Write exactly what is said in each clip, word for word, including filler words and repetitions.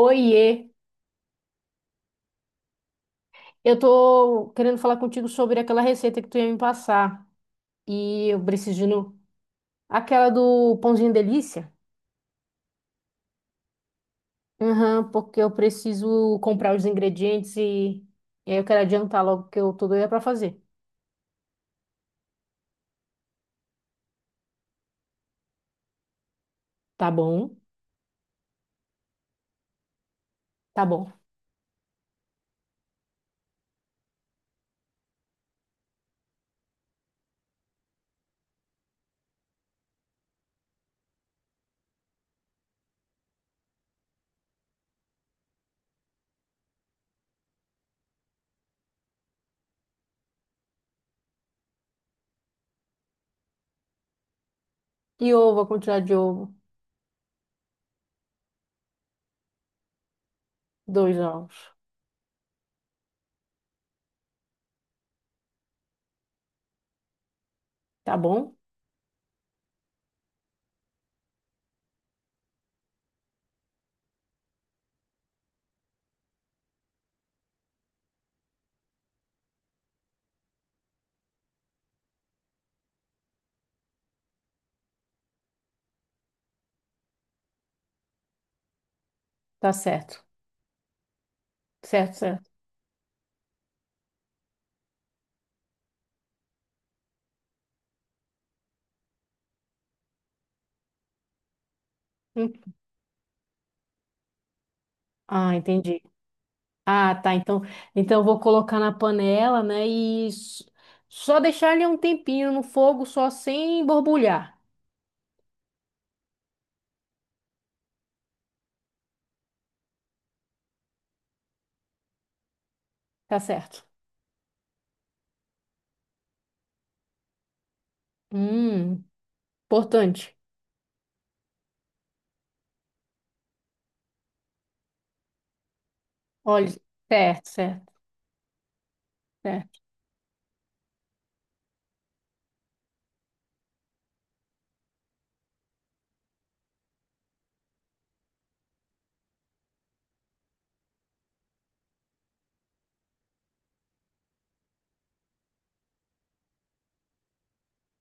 Oiê, eu tô querendo falar contigo sobre aquela receita que tu ia me passar. E eu preciso de no... aquela do pãozinho delícia. Aham, porque eu preciso comprar os ingredientes e... e aí eu quero adiantar logo que eu tô doida pra fazer. Tá bom? Tá bom. E ovo, a quantidade de ovo? Dois ovos. Tá bom? Tá certo. Certo, certo. Hum. Ah, entendi. Ah, tá. Então, então eu vou colocar na panela, né? E s- só deixar ele um tempinho no fogo, só sem borbulhar. Tá certo. Hum, importante. Olha, certo, certo, certo.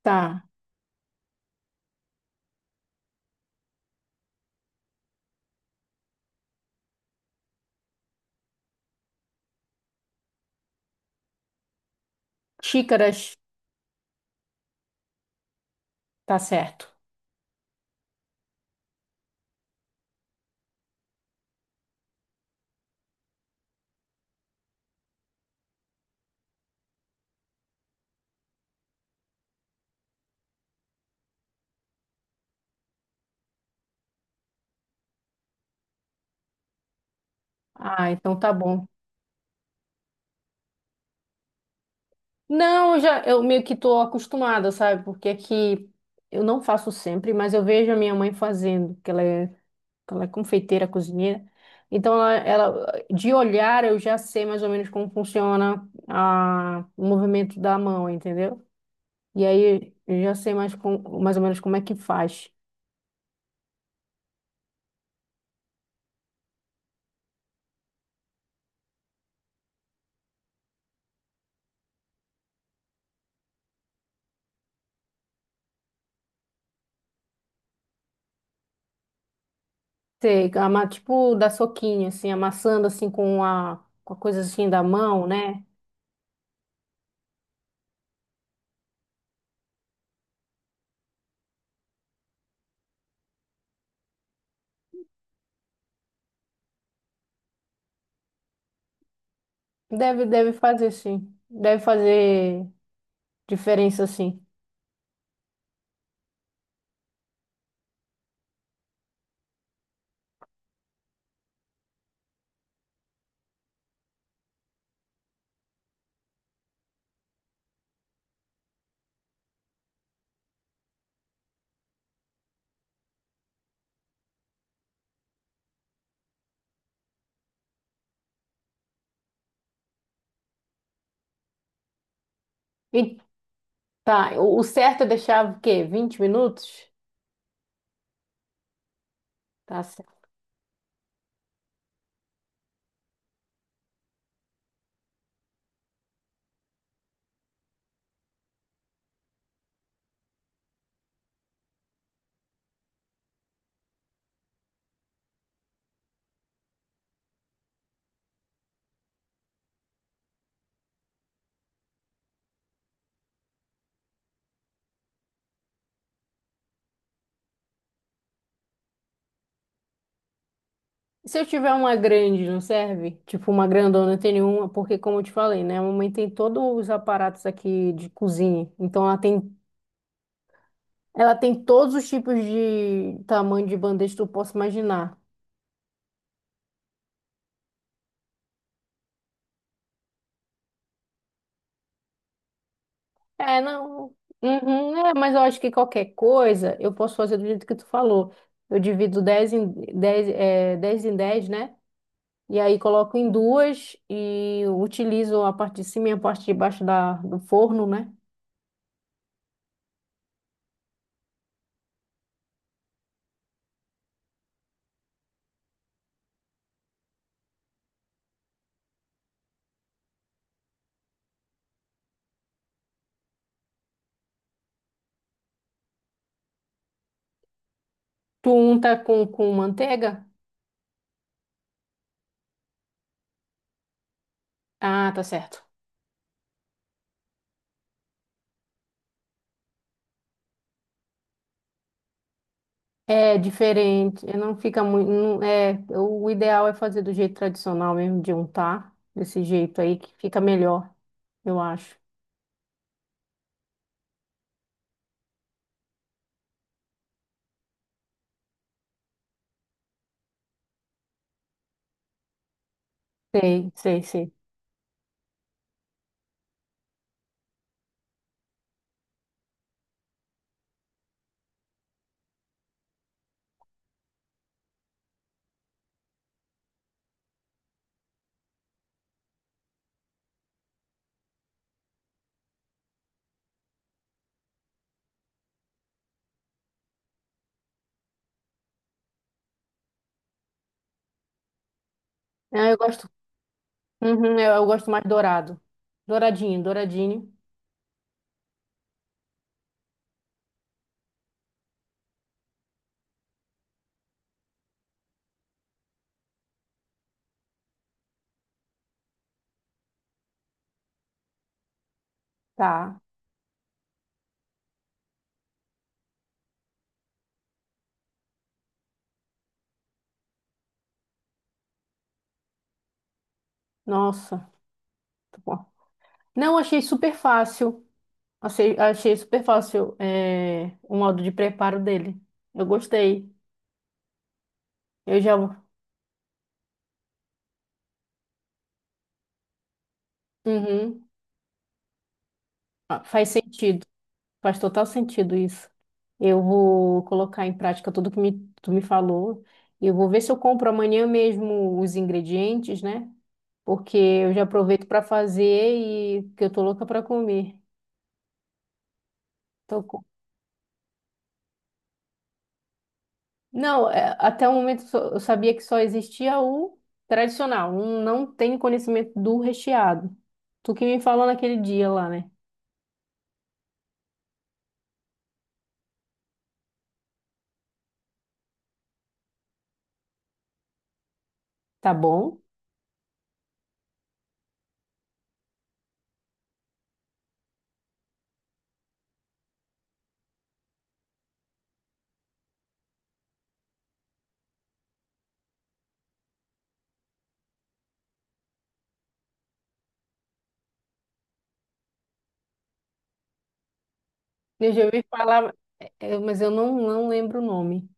Tá. Xícaras, tá certo. Ah, então tá bom. Não, eu já eu meio que tô acostumada, sabe? Porque aqui eu não faço sempre, mas eu vejo a minha mãe fazendo, que ela é ela é confeiteira, cozinheira. Então, ela, ela- de olhar, eu já sei mais ou menos como funciona a, o movimento da mão, entendeu? E aí, eu já sei mais, com, mais ou menos como é que faz. Sei, ama- tipo, dar soquinho, assim, amassando, assim, com a, com a coisa, assim, da mão, né? Deve, deve fazer, sim. Deve fazer diferença, sim. E, tá, o, o certo é deixar, o quê? Vinte minutos? Tá. Se eu tiver uma grande, não serve? Tipo, uma grandona, tem nenhuma, porque como eu te falei, né? A mamãe tem todos os aparatos aqui de cozinha. Então ela tem, ela tem todos os tipos de tamanho de bandeja que tu possa imaginar. É, não. Uhum, é, mas eu acho que qualquer coisa eu posso fazer do jeito que tu falou. Eu divido dez em dez é, dez em dez né? E aí coloco em duas e utilizo a parte de cima e a parte de baixo da, do forno, né? Tu unta com, com manteiga? Ah, tá certo. É diferente, é, não fica muito. não- é, o ideal é fazer do jeito tradicional mesmo, de untar, desse jeito aí, que fica melhor, eu acho. Sei, sei, sei. Ah, eu gosto, uhum, eu, eu gosto mais dourado. Douradinho, douradinho. Tá. Nossa, tá bom. Não, achei super fácil. Achei, achei super fácil, é, o modo de preparo dele. Eu gostei. Eu já. Uhum, ah, faz sentido. Faz total sentido isso. Eu vou colocar em prática tudo que me, tu me falou. Eu vou ver se eu compro amanhã mesmo os ingredientes, né? Porque eu já aproveito para fazer e que eu tô louca para comer. Tô co- Não, é, até o momento só- eu sabia que só existia o tradicional. Um não tenho conhecimento do recheado. Tu que me falou naquele dia lá, né? Tá bom? Eu já ouvi falar, é, é, mas eu não, não lembro o nome.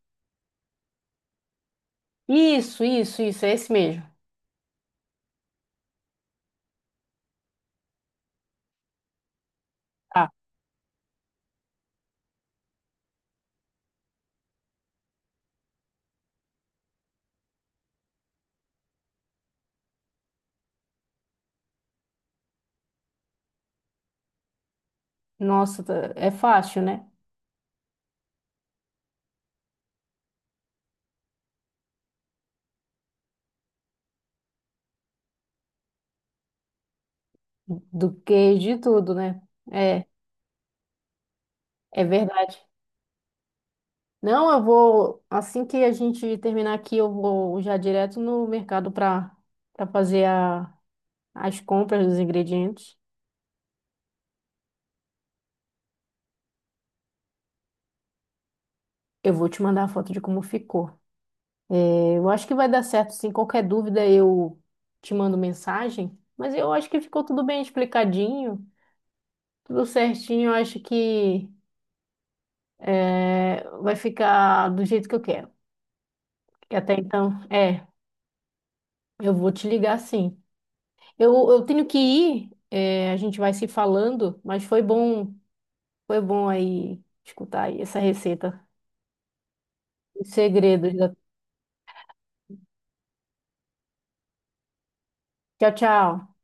Isso, isso, isso, é esse mesmo. Tá. Nossa, tá- é fácil, né? Do que de tudo, né? É, é verdade. Não, eu vou, assim que a gente terminar aqui, eu vou já direto no mercado para para fazer a, as compras dos ingredientes. Eu vou te mandar a foto de como ficou. É, eu acho que vai dar certo, sim. Qualquer dúvida eu te mando mensagem, mas eu acho que ficou tudo bem explicadinho, tudo certinho. Eu acho que é, vai ficar do jeito que eu quero. Que até então, é. Eu vou te ligar sim. Eu, eu tenho que ir, é, a gente vai se falando, mas foi bom, foi bom aí escutar aí essa receita. Os segredos. Da- Tchau, tchau.